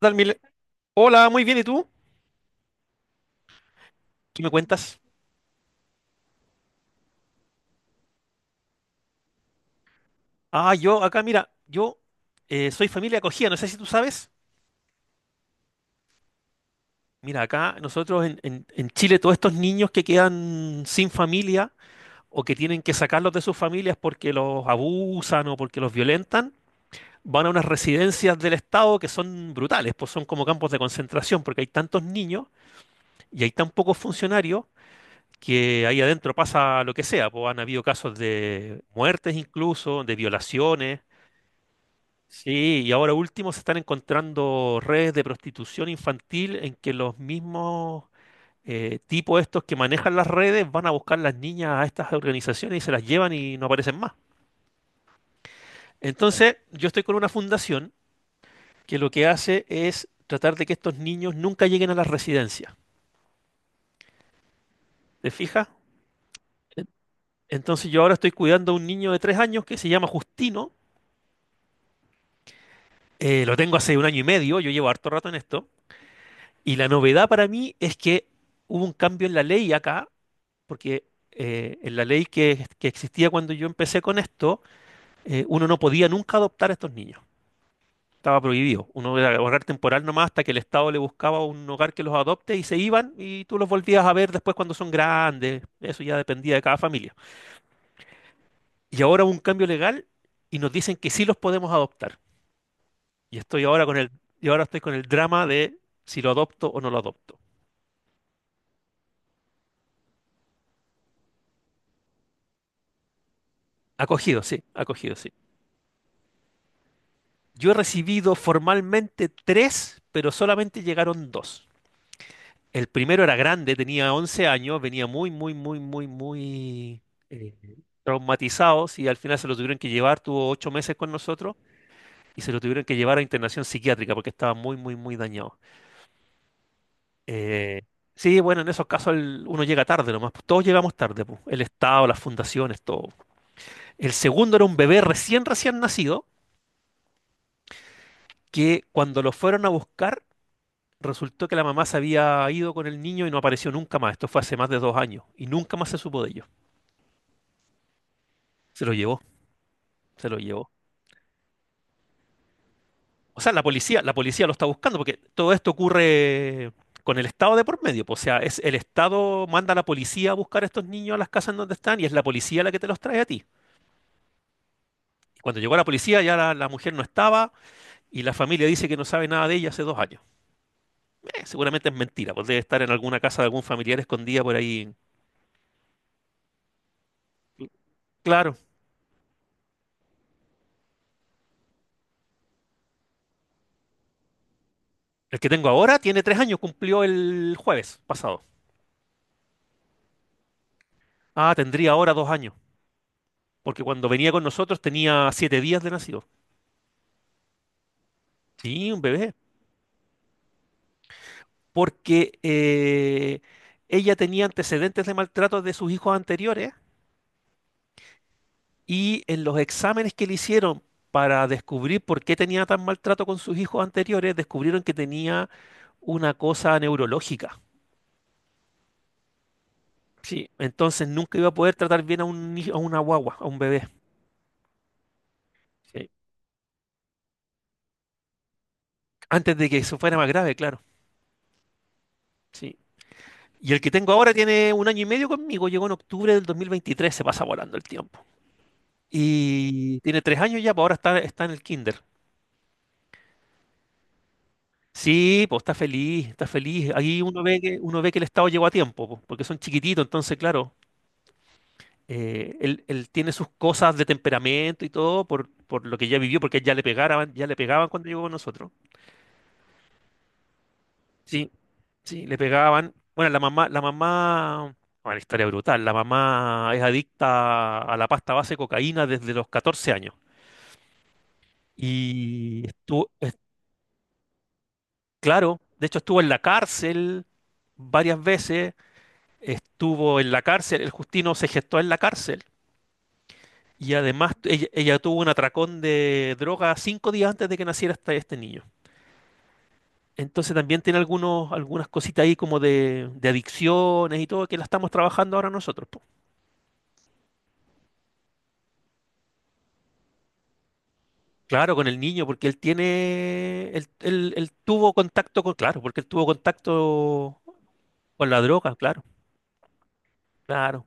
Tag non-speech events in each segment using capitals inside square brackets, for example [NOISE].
Tal, Mile? Hola, muy bien, ¿y tú? ¿Qué me cuentas? Ah, yo acá, mira, yo soy familia acogida, no sé si tú sabes. Mira, acá nosotros en Chile, todos estos niños que quedan sin familia o que tienen que sacarlos de sus familias porque los abusan o porque los violentan, van a unas residencias del Estado que son brutales, pues son como campos de concentración porque hay tantos niños y hay tan pocos funcionarios que ahí adentro pasa lo que sea, pues han habido casos de muertes incluso, de violaciones. Sí, y ahora último se están encontrando redes de prostitución infantil en que los mismos tipos estos que manejan las redes van a buscar las niñas a estas organizaciones y se las llevan y no aparecen más. Entonces, yo estoy con una fundación que lo que hace es tratar de que estos niños nunca lleguen a las residencias. ¿Te fijas? En- Entonces yo ahora estoy cuidando a un niño de 3 años que se llama Justino. Lo tengo hace un año y medio, yo llevo harto rato en esto. Y la novedad para mí es que hubo un cambio en la ley acá porque en la ley que existía cuando yo empecé con esto, uno no podía nunca adoptar a estos niños. Estaba prohibido. Uno era hogar temporal nomás hasta que el Estado le buscaba un hogar que los adopte y se iban y tú los volvías a ver después cuando son grandes. Eso ya dependía de cada familia. Y ahora hubo un cambio legal y nos dicen que sí los podemos adoptar. Y estoy ahora con el, y ahora estoy con el drama de si lo adopto o no lo adopto. Acogido, sí, acogido, sí. Yo he recibido formalmente tres, pero solamente llegaron dos. El primero era grande, tenía 11 años, venía muy, muy, muy, muy, muy eh, traumatizado y al final se lo tuvieron que llevar, tuvo 8 meses con nosotros y se lo tuvieron que llevar a internación psiquiátrica porque estaba muy, muy, muy dañado. Eh, sí, bueno, en esos casos uno llega tarde nomás, pues, todos llegamos tarde, pues, el Estado, las fundaciones, todo. El segundo era un bebé recién nacido que cuando lo fueron a buscar. Resultó que la mamá se había ido con el niño y no apareció nunca más. Esto fue hace más de 2 años y nunca más se supo de ellos. Se lo llevó. Se lo llevó. O sea, la policía lo está buscando porque todo esto ocurre con el Estado de por medio, po. O sea, es el Estado manda a la policía a buscar a estos niños a las casas en donde están y es la policía la que te los trae a ti. Y cuando llegó la policía ya la mujer no estaba y la familia dice que no sabe nada de ella hace 2 años. Seguramente es mentira, pues debe estar en alguna casa de algún familiar escondida por ahí. Claro, el que tengo ahora tiene 3 años, cumplió el jueves pasado. Ah, tendría ahora 2 años, porque cuando venía con nosotros tenía 7 días de nacido. Sí, un bebé. Porque ella tenía antecedentes de maltrato de sus hijos anteriores y en los exámenes que le hicieron para descubrir por qué tenía tan maltrato con sus hijos anteriores, descubrieron que tenía una cosa neurológica. Sí, entonces nunca iba a poder tratar bien a un, ni- a una guagua, a un bebé. Sí. Antes de que eso fuera más grave, claro. Sí. Y el que tengo ahora tiene un año y medio conmigo, llegó en octubre del 2023, se pasa volando el tiempo. Y tiene 3 años ya, pues ahora está en el kinder. Sí, pues está feliz, está feliz. Ahí uno ve que el Estado llegó a tiempo, pues, porque son chiquititos, entonces, claro, él tiene sus cosas de temperamento y todo por lo que ya vivió, porque ya le pegaban cuando llegó con nosotros. Sí, sí, le pegaban. Bueno, la mamá, una historia brutal. La mamá es adicta a la pasta base de cocaína desde los 14 años. Y estuvo, es- claro, de hecho estuvo en la cárcel varias veces. Estuvo en la cárcel, el Justino se gestó en la cárcel y además ella, ella tuvo un atracón de droga 5 días antes de que naciera este niño. Entonces también tiene algunos, algunas cositas ahí como de adicciones y todo que la estamos trabajando ahora nosotros, po. Claro, con el niño, porque él tiene, él- él tuvo contacto con, claro, porque él tuvo contacto con la droga, claro, claro.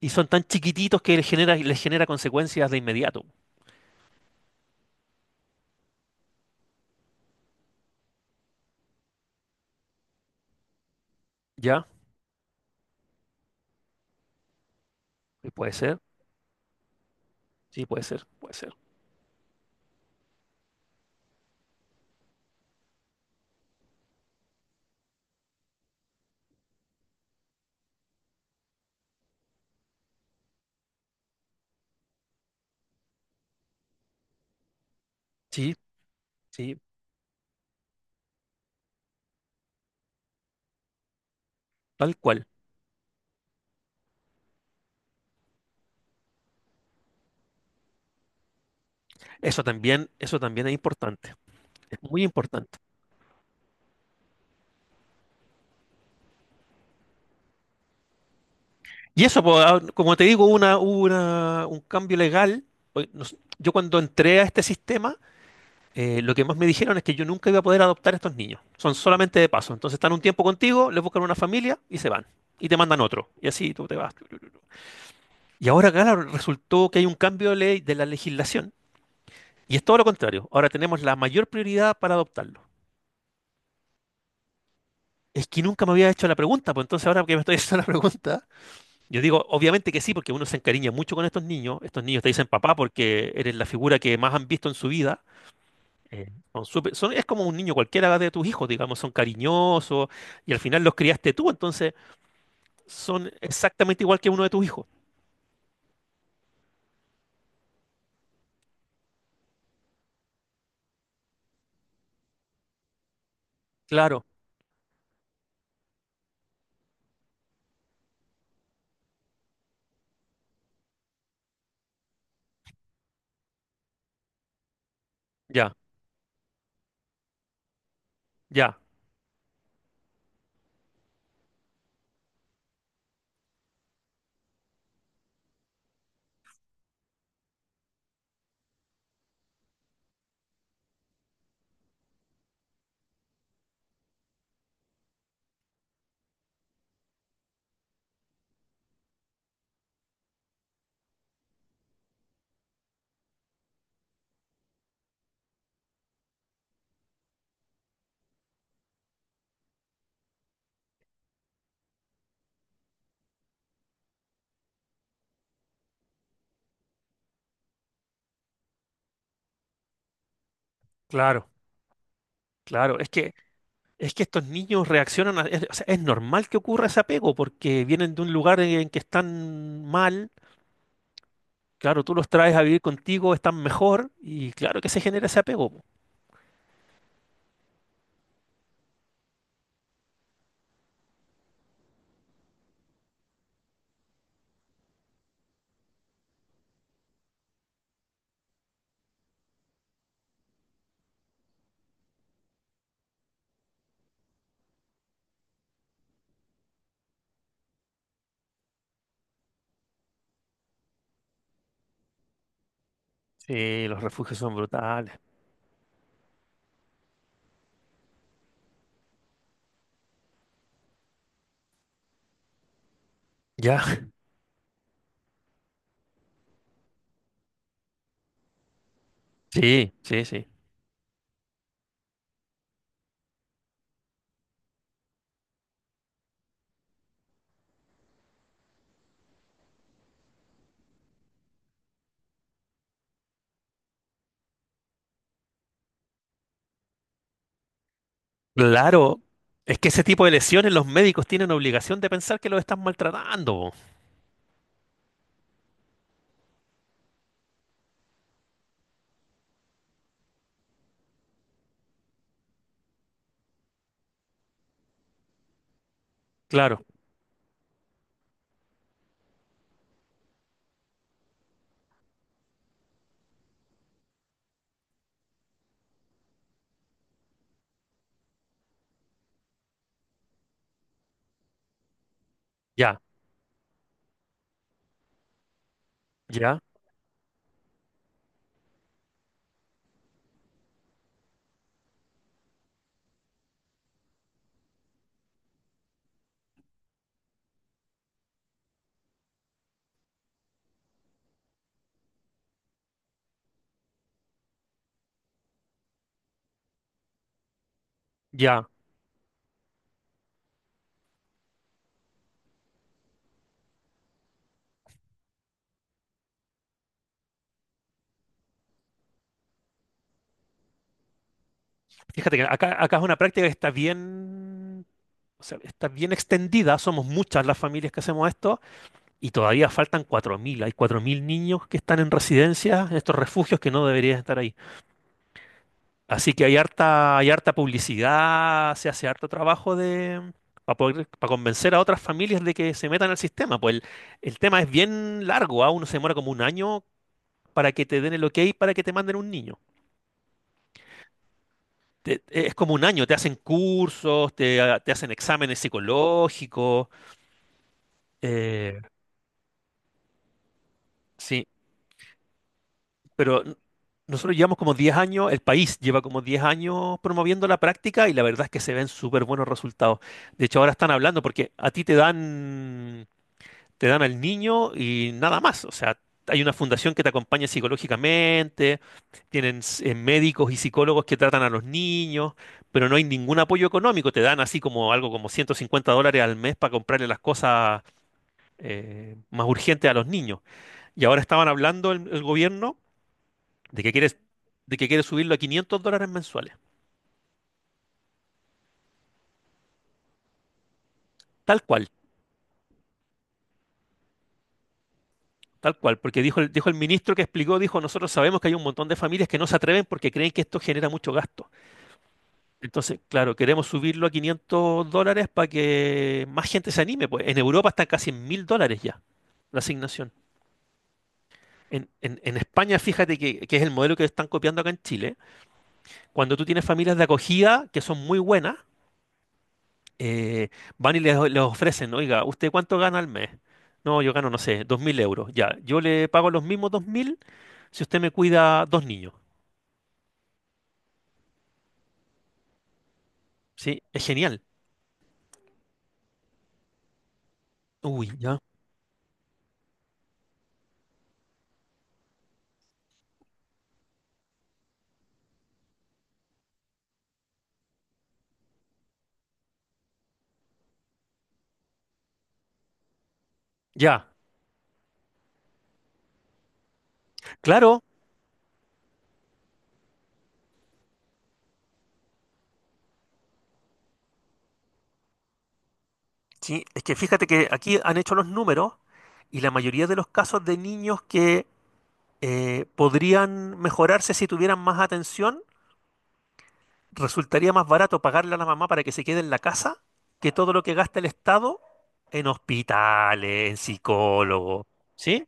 Y son tan chiquititos que les genera consecuencias de inmediato. ¿Ya? Y puede ser, sí, puede ser, puede ser. Sí, sí. Tal cual. Eso también es importante. Es muy importante. Y eso, po, ah, como te digo, hubo un cambio legal. Yo cuando entré a este sistema, lo que más me dijeron es que yo nunca iba a poder adoptar a estos niños. Son solamente de paso. Entonces están un tiempo contigo, les buscan una familia y se van. Y te mandan otro. Y así tú te vas. Y ahora, claro, resultó que hay un cambio de ley de la legislación. Y es todo lo contrario. Ahora tenemos la mayor prioridad para adoptarlos. Es que nunca me había hecho la pregunta, pues entonces ahora que me estoy haciendo la pregunta, yo digo, obviamente que sí, porque uno se encariña mucho con estos niños. Estos niños te dicen papá porque eres la figura que más han visto en su vida. Es como un niño cualquiera de tus hijos, digamos, son cariñosos y al final los criaste tú, entonces son exactamente igual que uno de tus hijos. Claro, ya, ya, claro, claro. Es que estos niños reaccionan, o sea, es normal que ocurra ese apego porque vienen de un lugar en que están mal. Claro, tú los traes a vivir contigo, están mejor y claro que se genera ese apego. Sí, los refugios son brutales. Ya, [LAUGHS] sí, sí, sí. Claro, es que ese tipo de lesiones los médicos tienen obligación de pensar que los están maltratando, po. Claro, ya, ya, ya. Fíjate que acá es una práctica que está bien, o sea, está bien extendida. Somos muchas las familias que hacemos esto y todavía faltan 4000. Hay 4000 niños que están en residencias, en estos refugios que no deberían estar ahí. Así que hay harta publicidad, se hace harto trabajo de, para poder, para convencer a otras familias de que se metan al sistema. Pues el tema es bien largo, ¿ah? Uno se demora como un año para que te den el ok para que te manden un niño. Es como un año, te hacen cursos, te, te hacen exámenes psicológicos. eh, sí, pero nosotros llevamos como 10 años, el país lleva como 10 años promoviendo la práctica y la verdad es que se ven súper buenos resultados. De hecho, ahora están hablando porque a ti te dan al niño y nada más. O sea, hay una fundación que te acompaña psicológicamente, tienen médicos y psicólogos que tratan a los niños, pero no hay ningún apoyo económico. Te dan así como algo como $150 al mes para comprarle las cosas más urgentes a los niños. Y ahora estaban hablando el gobierno de que quieres, de que quiere subirlo a $500 mensuales. Tal cual. Tal cual, porque dijo el ministro que explicó, dijo, nosotros sabemos que hay un montón de familias que no se atreven porque creen que esto genera mucho gasto. Entonces, claro, queremos subirlo a $500 para que más gente se anime. Pues en Europa están casi en 1000 dólares ya la asignación. En España, fíjate que es el modelo que están copiando acá en Chile. Cuando tú tienes familias de acogida que son muy buenas, eh, van y les ofrecen, oiga, ¿usted cuánto gana al mes? No, yo gano, no sé, 2000 euros. Ya, yo le pago los mismos 2000 si usted me cuida 2 niños. ¿Sí? Es genial. Uy, ya. Ya. Claro, sí, es que fíjate que aquí han hecho los números y la mayoría de los casos de niños que podrían mejorarse si tuvieran más atención, resultaría más barato pagarle a la mamá para que se quede en la casa que todo lo que gasta el Estado en hospitales, en psicólogos. ¿Sí?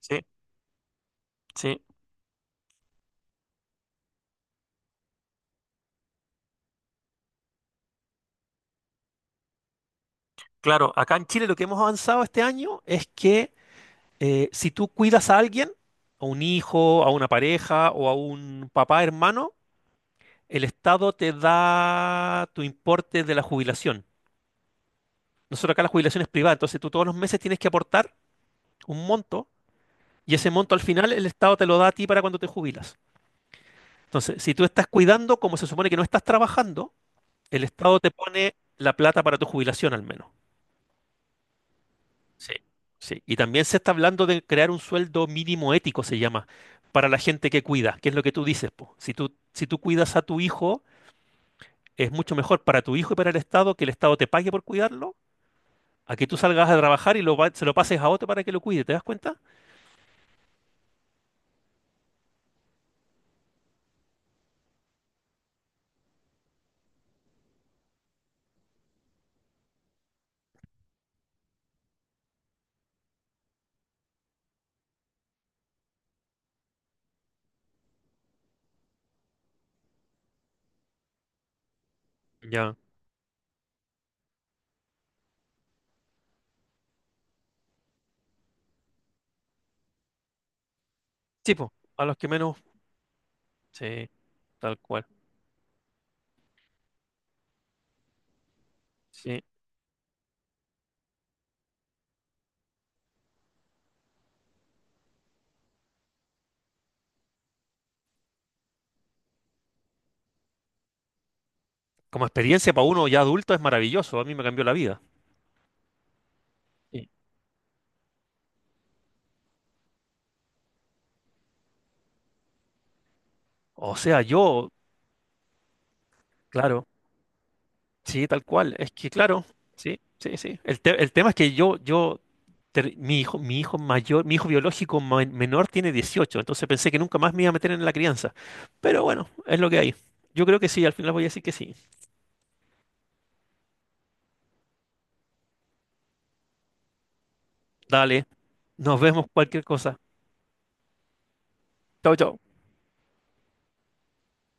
Sí, sí. Claro, acá en Chile lo que hemos avanzado este año es que si tú cuidas a alguien, a un hijo, a una pareja o a un papá, hermano, el Estado te da tu importe de la jubilación. Nosotros acá la jubilación es privada, entonces tú todos los meses tienes que aportar un monto y ese monto al final el Estado te lo da a ti para cuando te jubilas. Entonces, si tú estás cuidando, como se supone que no estás trabajando, el Estado te pone la plata para tu jubilación al menos. Sí. Sí. Y también se está hablando de crear un sueldo mínimo ético, se llama, para la gente que cuida, que es lo que tú dices, po. Si tú, si tú cuidas a tu hijo, es mucho mejor para tu hijo y para el Estado que el Estado te pague por cuidarlo a que tú salgas a trabajar y lo, se lo pases a otro para que lo cuide, ¿te das cuenta? Ya. Sí, po, a los que menos, sí, tal cual. Sí. Como experiencia para uno ya adulto es maravilloso, a mí me cambió la vida. Sí. O sea, yo, claro, sí, tal cual. Es que, claro, sí, sí, sí. El tema es que yo, mi hijo biológico menor tiene 18, entonces pensé que nunca más me iba a meter en la crianza. Pero bueno, es lo que hay. Yo creo que sí, al final voy a decir que sí. Dale, nos vemos cualquier cosa. Chao, chao.